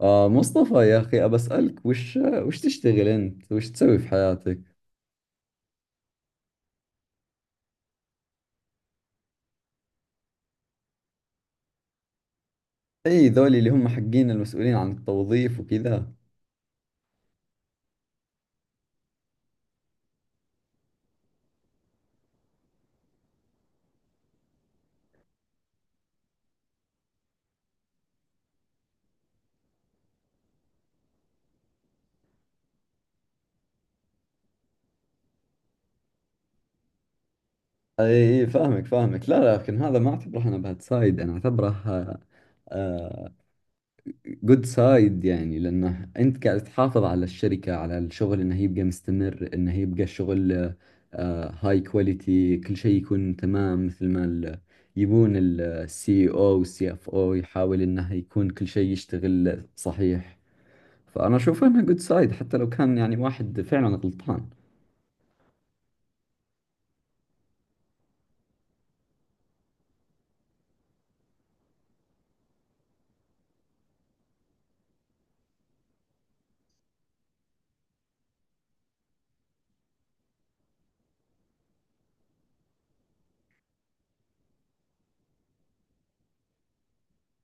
مصطفى يا أخي أبسألك وش تشتغل أنت؟ وش تسوي في حياتك؟ أي ذولي اللي هم حقين المسؤولين عن التوظيف وكذا. أي أي، فاهمك لا لا، لكن هذا ما أعتبره أنا باد سايد، أنا أعتبره جود سايد. يعني لأنه أنت قاعد تحافظ على الشركة، على الشغل، إنه يبقى مستمر، إنه يبقى الشغل هاي كواليتي، كل شيء يكون تمام مثل ما يبون السي او والسي اف او، يحاول انه يكون كل شيء يشتغل صحيح. فأنا أشوف إنها جود سايد حتى لو كان يعني واحد فعلا غلطان.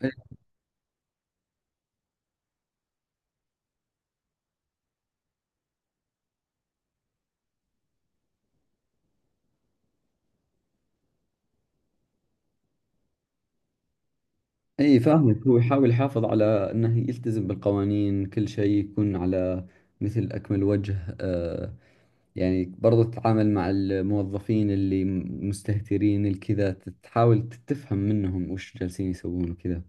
إيه، أي فاهمك، هو يحاول يحافظ على أنه يلتزم بالقوانين، كل شيء يكون على مثل أكمل وجه. يعني برضو تتعامل مع الموظفين اللي مستهترين الكذا، تحاول تتفهم منهم وش جالسين يسوون وكذا.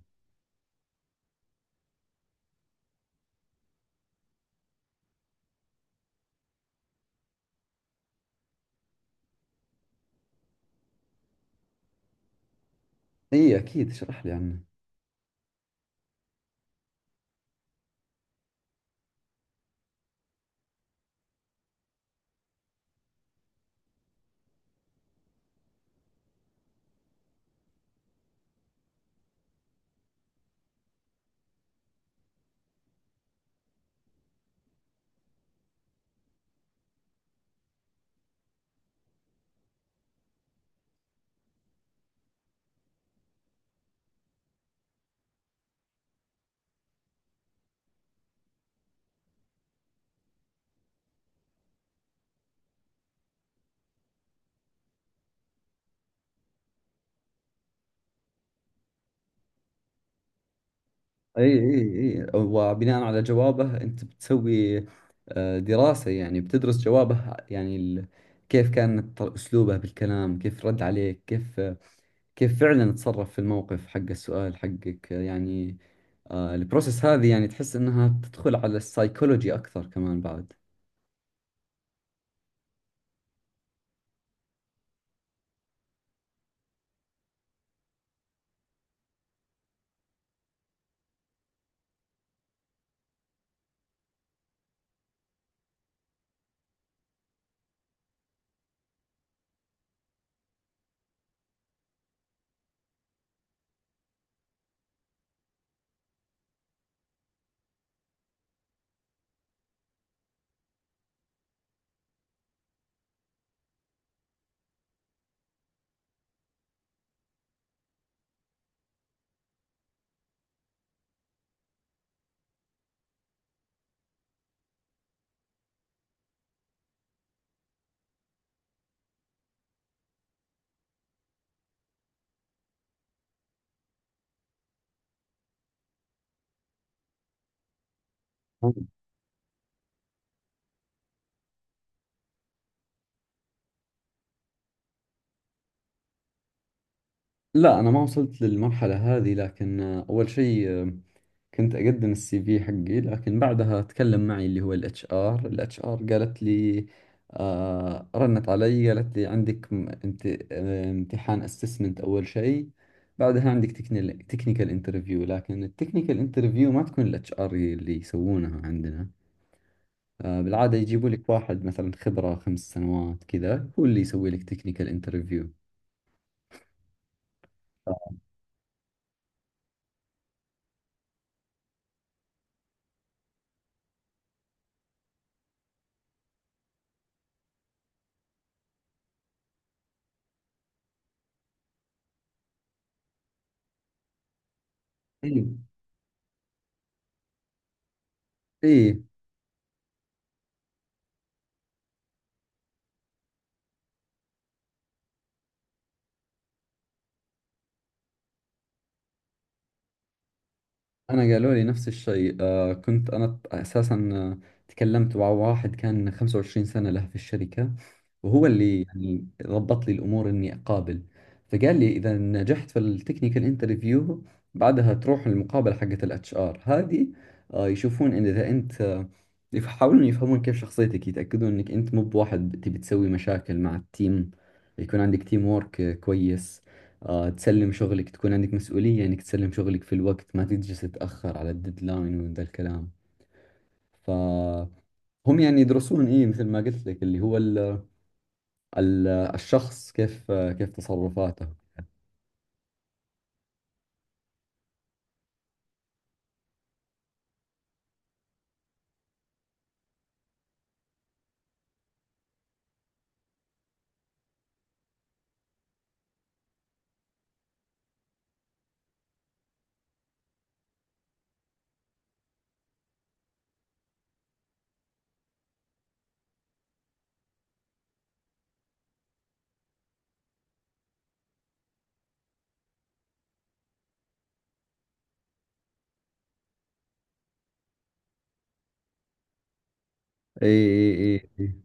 اي اكيد اشرح لي عنه. اي اي. اي، وبناء على جوابه انت بتسوي دراسة، يعني بتدرس جوابه، يعني كيف كان اسلوبه بالكلام، كيف رد عليك، كيف كيف فعلا تصرف في الموقف حق السؤال حقك يعني. البروسيس هذه يعني تحس انها تدخل على السايكولوجي اكثر كمان بعد. لا، أنا ما وصلت للمرحلة هذه، لكن أول شيء، كنت أقدم السي في حقي، لكن بعدها تكلم معي اللي هو الاتش ار، الاتش ار قالت لي، آه رنت علي قالت لي عندك امتحان اسسمنت أول شيء، بعدها عندك تكنيكال انترفيو. لكن التكنيكال انترفيو ما تكون الاتش ار اللي يسوونها عندنا، آه بالعادة يجيبوا لك واحد مثلا خبرة خمس سنوات كذا، هو اللي يسوي لك تكنيكال انترفيو. ايوه. ايه، إيه. انا قالوا لي نفس الشيء. آه كنت انا اساسا، تكلمت مع واحد كان 25 سنة له في الشركة، وهو اللي يعني ضبط لي الامور اني اقابل، فقال لي اذا نجحت في التكنيكال انترفيو بعدها تروح المقابلة حقت الاتش ار هذه. يشوفون ان اذا انت، يحاولون يفهمون كيف شخصيتك، يتاكدون انك انت مو بواحد تبي تسوي مشاكل مع التيم، يكون عندك تيم وورك كويس، آه تسلم شغلك، تكون عندك مسؤولية انك تسلم شغلك في الوقت، ما تجلس تتأخر على الديدلاين وذا الكلام. فهم يعني يدرسون ايه مثل ما قلت لك اللي هو ال الشخص كيف كيف تصرفاته. اي اي. اي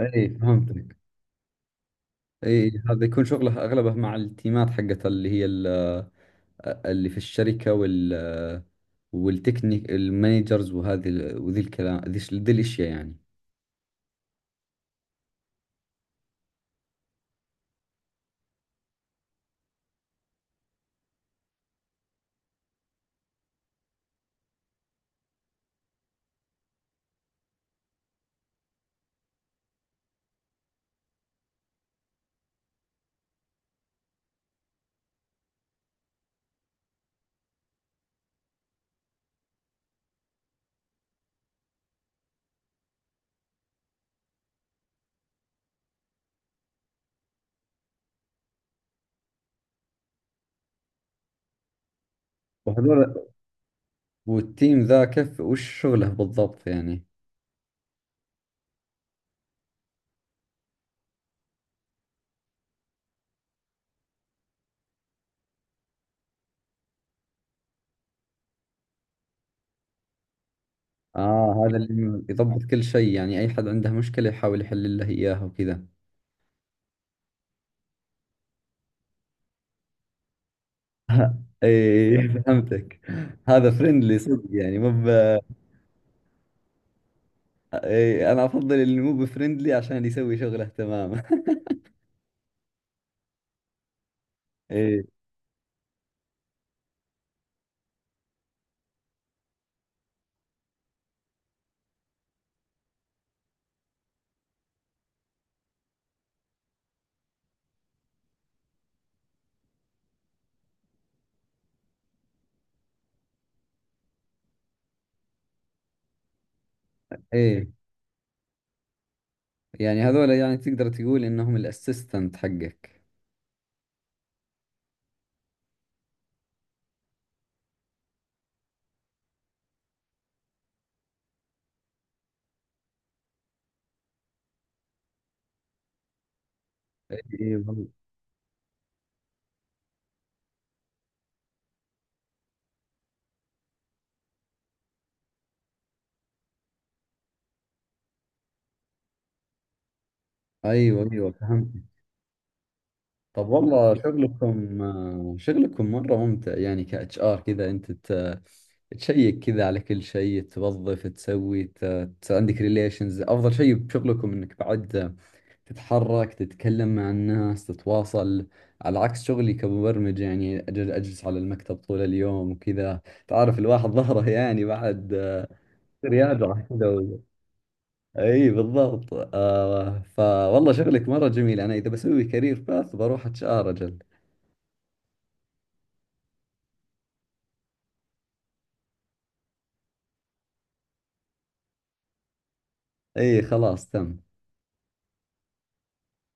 اي، إي، فهمتك. اي، هذا يكون شغله اغلبه مع التيمات حقت اللي هي اللي في الشركة وال والتكنيك المانجرز، وهذه وذي الكلام، ذي الاشياء يعني. وهذول والتيم ذا كيف وش شغله بالضبط يعني؟ اه، هذا اللي يضبط كل شيء يعني، اي حد عنده مشكلة يحاول يحل له اياها وكذا. ايه فهمتك. هذا فريندلي صدق يعني، إيه انا افضل اللي مو بفريندلي عشان يسوي شغله تمام. ايه. ايه يعني هذول، يعني تقدر تقول انهم الاسيستنت حقك. ايوه ايوه. ايوه فهمت. طب والله شغلكم، شغلكم مرة ممتع يعني، كاتش ار كذا انت تشيك كذا على كل شيء، توظف، تسوي عندك ريليشنز. افضل شيء بشغلكم انك بعد تتحرك، تتكلم مع الناس، تتواصل، على عكس شغلي كمبرمج يعني اجلس على المكتب طول اليوم وكذا. تعرف الواحد ظهره يعني بعد رياضة كذا اي بالضبط. آه فوالله شغلك مرة جميل، انا اذا بسوي كارير باث بروح اتش ار اجل. اي خلاص تم.